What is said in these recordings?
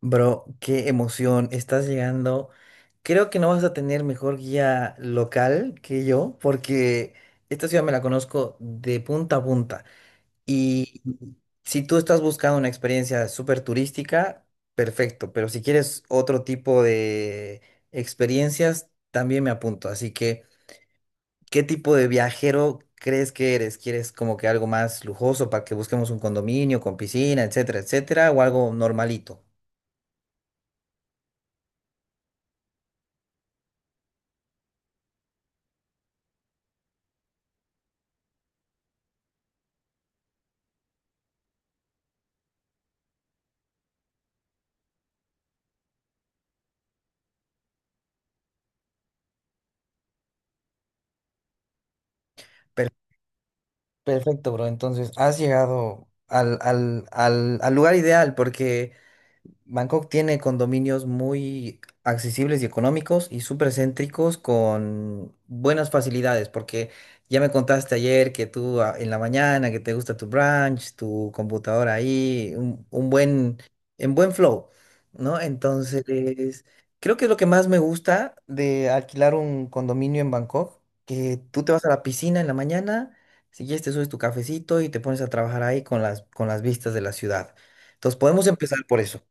Bro, qué emoción, estás llegando. Creo que no vas a tener mejor guía local que yo, porque esta ciudad me la conozco de punta a punta. Y si tú estás buscando una experiencia súper turística, perfecto, pero si quieres otro tipo de experiencias, también me apunto. Así que, ¿qué tipo de viajero crees que eres? ¿Quieres como que algo más lujoso para que busquemos un condominio con piscina, etcétera, etcétera, o algo normalito? Perfecto, bro. Entonces, has llegado al lugar ideal porque... Bangkok tiene condominios muy accesibles y económicos y súper céntricos con buenas facilidades, porque ya me contaste ayer que tú en la mañana, que te gusta tu brunch, tu computadora ahí, un buen, en buen flow, ¿no? Entonces, creo que es lo que más me gusta de alquilar un condominio en Bangkok, que tú te vas a la piscina en la mañana, si quieres te subes tu cafecito y te pones a trabajar ahí con las vistas de la ciudad. Entonces, podemos empezar por eso.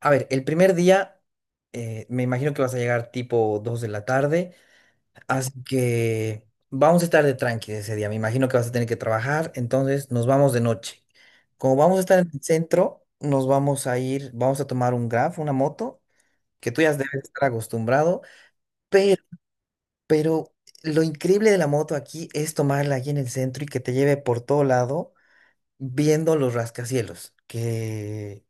A ver, el primer día me imagino que vas a llegar tipo 2 de la tarde, así que vamos a estar de tranqui ese día. Me imagino que vas a tener que trabajar, entonces nos vamos de noche. Como vamos a estar en el centro, nos vamos a ir, vamos a tomar un Grab, una moto, que tú ya debes estar acostumbrado, pero, pero lo increíble de la moto aquí es tomarla aquí en el centro y que te lleve por todo lado viendo los rascacielos, que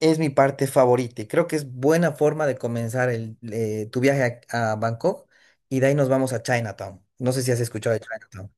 es mi parte favorita. Y creo que es buena forma de comenzar tu viaje a Bangkok y de ahí nos vamos a Chinatown. No sé si has escuchado de Chinatown.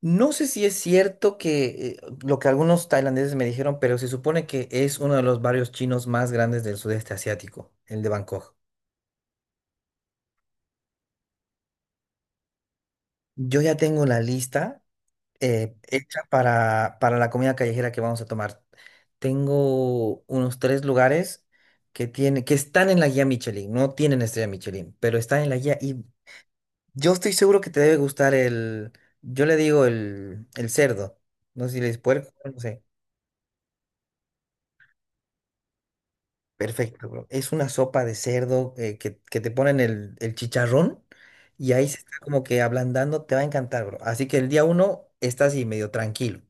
No sé si es cierto que lo que algunos tailandeses me dijeron, pero se supone que es uno de los barrios chinos más grandes del sudeste asiático, el de Bangkok. Yo ya tengo la lista hecha para la comida callejera que vamos a tomar. Tengo unos tres lugares que están en la guía Michelin, no tienen estrella Michelin, pero están en la guía. Y yo estoy seguro que te debe gustar el, yo le digo el cerdo, no sé si le dices puerco, no sé. Perfecto, bro. Es una sopa de cerdo que te ponen el chicharrón y ahí se está como que ablandando, te va a encantar, bro. Así que el día uno estás así medio tranquilo.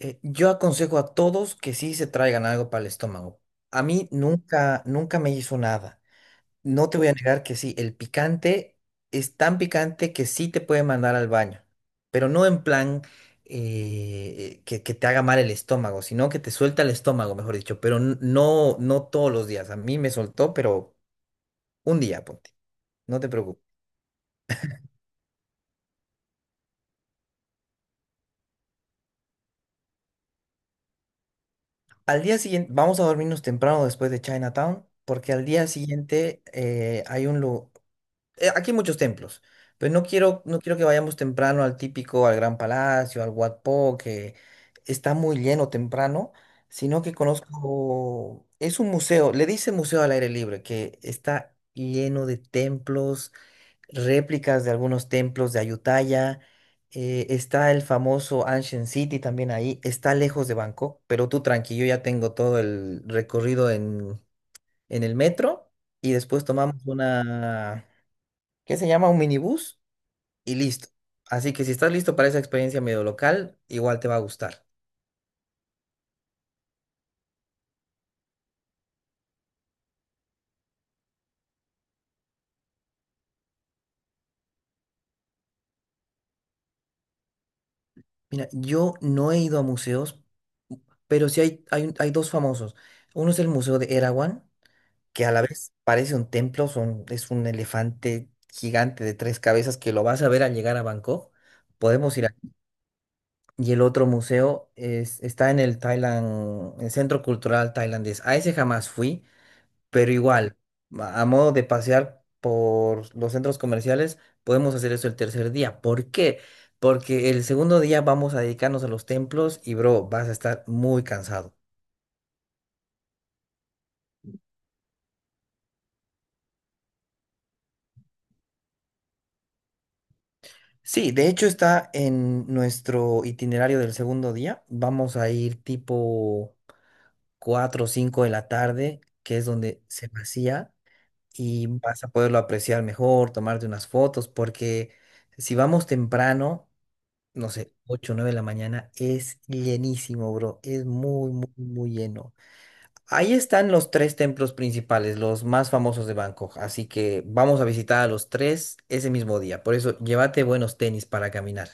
Yo aconsejo a todos que sí se traigan algo para el estómago. A mí nunca, nunca me hizo nada. No te voy a negar que sí, el picante es tan picante que sí te puede mandar al baño, pero no en plan que te haga mal el estómago, sino que te suelta el estómago, mejor dicho, pero no todos los días. A mí me soltó, pero un día, ponte, no te preocupes. Al día siguiente, vamos a dormirnos temprano después de Chinatown, porque al día siguiente hay un lugar. Aquí hay muchos templos, pero no quiero, no quiero que vayamos temprano al típico, al Gran Palacio, al Wat Po, que está muy lleno temprano, sino que conozco, es un museo, le dice museo al aire libre, que está lleno de templos, réplicas de algunos templos de Ayutthaya, está el famoso Ancient City también ahí, está lejos de Bangkok, pero tú tranquilo, ya tengo todo el recorrido en el metro y después tomamos una que se llama un minibús y listo. Así que si estás listo para esa experiencia medio local, igual te va a gustar. Mira, yo no he ido a museos, pero sí hay dos famosos. Uno es el Museo de Erawan, que a la vez parece un templo, es un elefante gigante de tres cabezas que lo vas a ver al llegar a Bangkok. Podemos ir a... Y el otro museo es, está en el Thailand, el Centro Cultural Tailandés. A ese jamás fui. Pero igual, a modo de pasear por los centros comerciales, podemos hacer eso el tercer día. ¿Por qué? Porque el segundo día vamos a dedicarnos a los templos y, bro, vas a estar muy cansado. Sí, de hecho está en nuestro itinerario del segundo día. Vamos a ir tipo 4 o 5 de la tarde, que es donde se vacía, y vas a poderlo apreciar mejor, tomarte unas fotos, porque si vamos temprano no sé, ocho o 9 de la mañana, es llenísimo, bro. Es muy, muy, muy lleno. Ahí están los tres templos principales, los más famosos de Bangkok. Así que vamos a visitar a los tres ese mismo día. Por eso, llévate buenos tenis para caminar.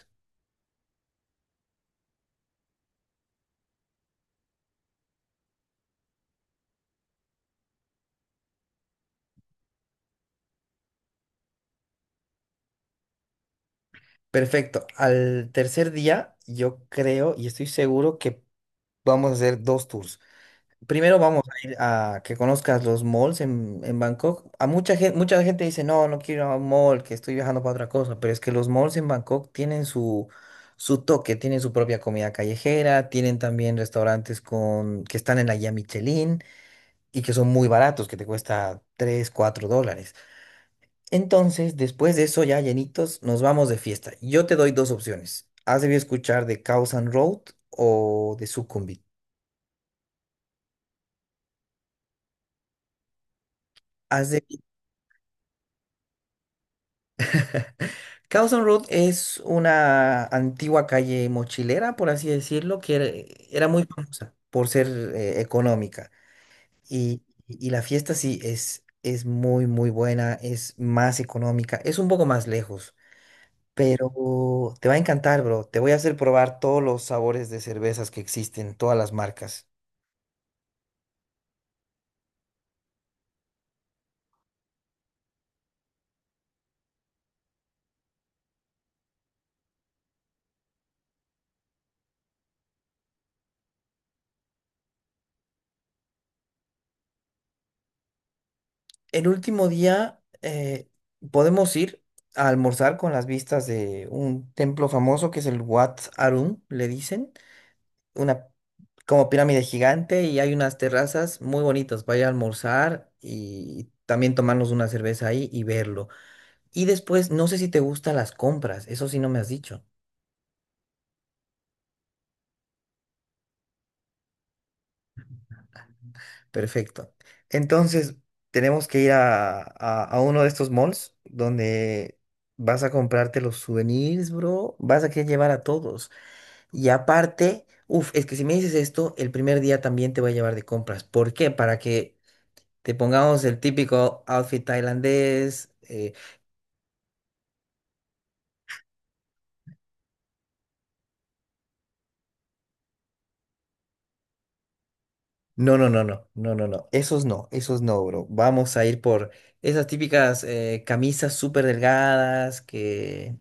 Perfecto. Al tercer día, yo creo y estoy seguro que vamos a hacer dos tours. Primero vamos a ir a que conozcas los malls en Bangkok. A mucha gente dice, no, no quiero ir a un mall, que estoy viajando para otra cosa, pero es que los malls en Bangkok tienen su toque, tienen su propia comida callejera, tienen también restaurantes que están en la guía Michelin y que son muy baratos, que te cuesta 3 4 dólares. Entonces, después de eso, ya llenitos, nos vamos de fiesta. Yo te doy dos opciones. Has debido escuchar de Khao San Road o de Sukhumvit. Carlson Road es una antigua calle mochilera, por así decirlo, que era muy famosa por ser económica. Y, y la fiesta sí es muy, muy buena, es más económica, es un poco más lejos, pero te va a encantar, bro. Te voy a hacer probar todos los sabores de cervezas que existen, todas las marcas. El último día podemos ir a almorzar con las vistas de un templo famoso que es el Wat Arun, le dicen. Una como pirámide gigante, y hay unas terrazas muy bonitas para ir a almorzar y también tomarnos una cerveza ahí y verlo. Y después, no sé si te gustan las compras, eso sí no me has dicho. Perfecto. Entonces, tenemos que ir a uno de estos malls donde vas a comprarte los souvenirs, bro, vas a querer llevar a todos. Y aparte, uff, es que si me dices esto, el primer día también te voy a llevar de compras. ¿Por qué? Para que te pongamos el típico outfit tailandés. No, no, no, no, no, no, no. Esos no, esos no, bro. Vamos a ir por esas típicas camisas súper delgadas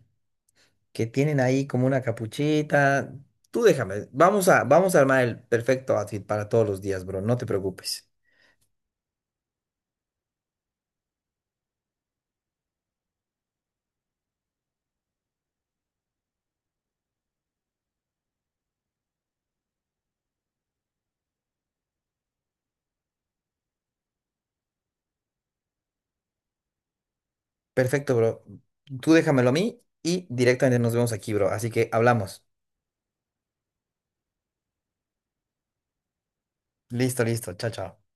que tienen ahí como una capuchita. Tú déjame, vamos a armar el perfecto outfit para todos los días, bro. No te preocupes. Perfecto, bro. Tú déjamelo a mí y directamente nos vemos aquí, bro. Así que hablamos. Listo, listo. Chao, chao.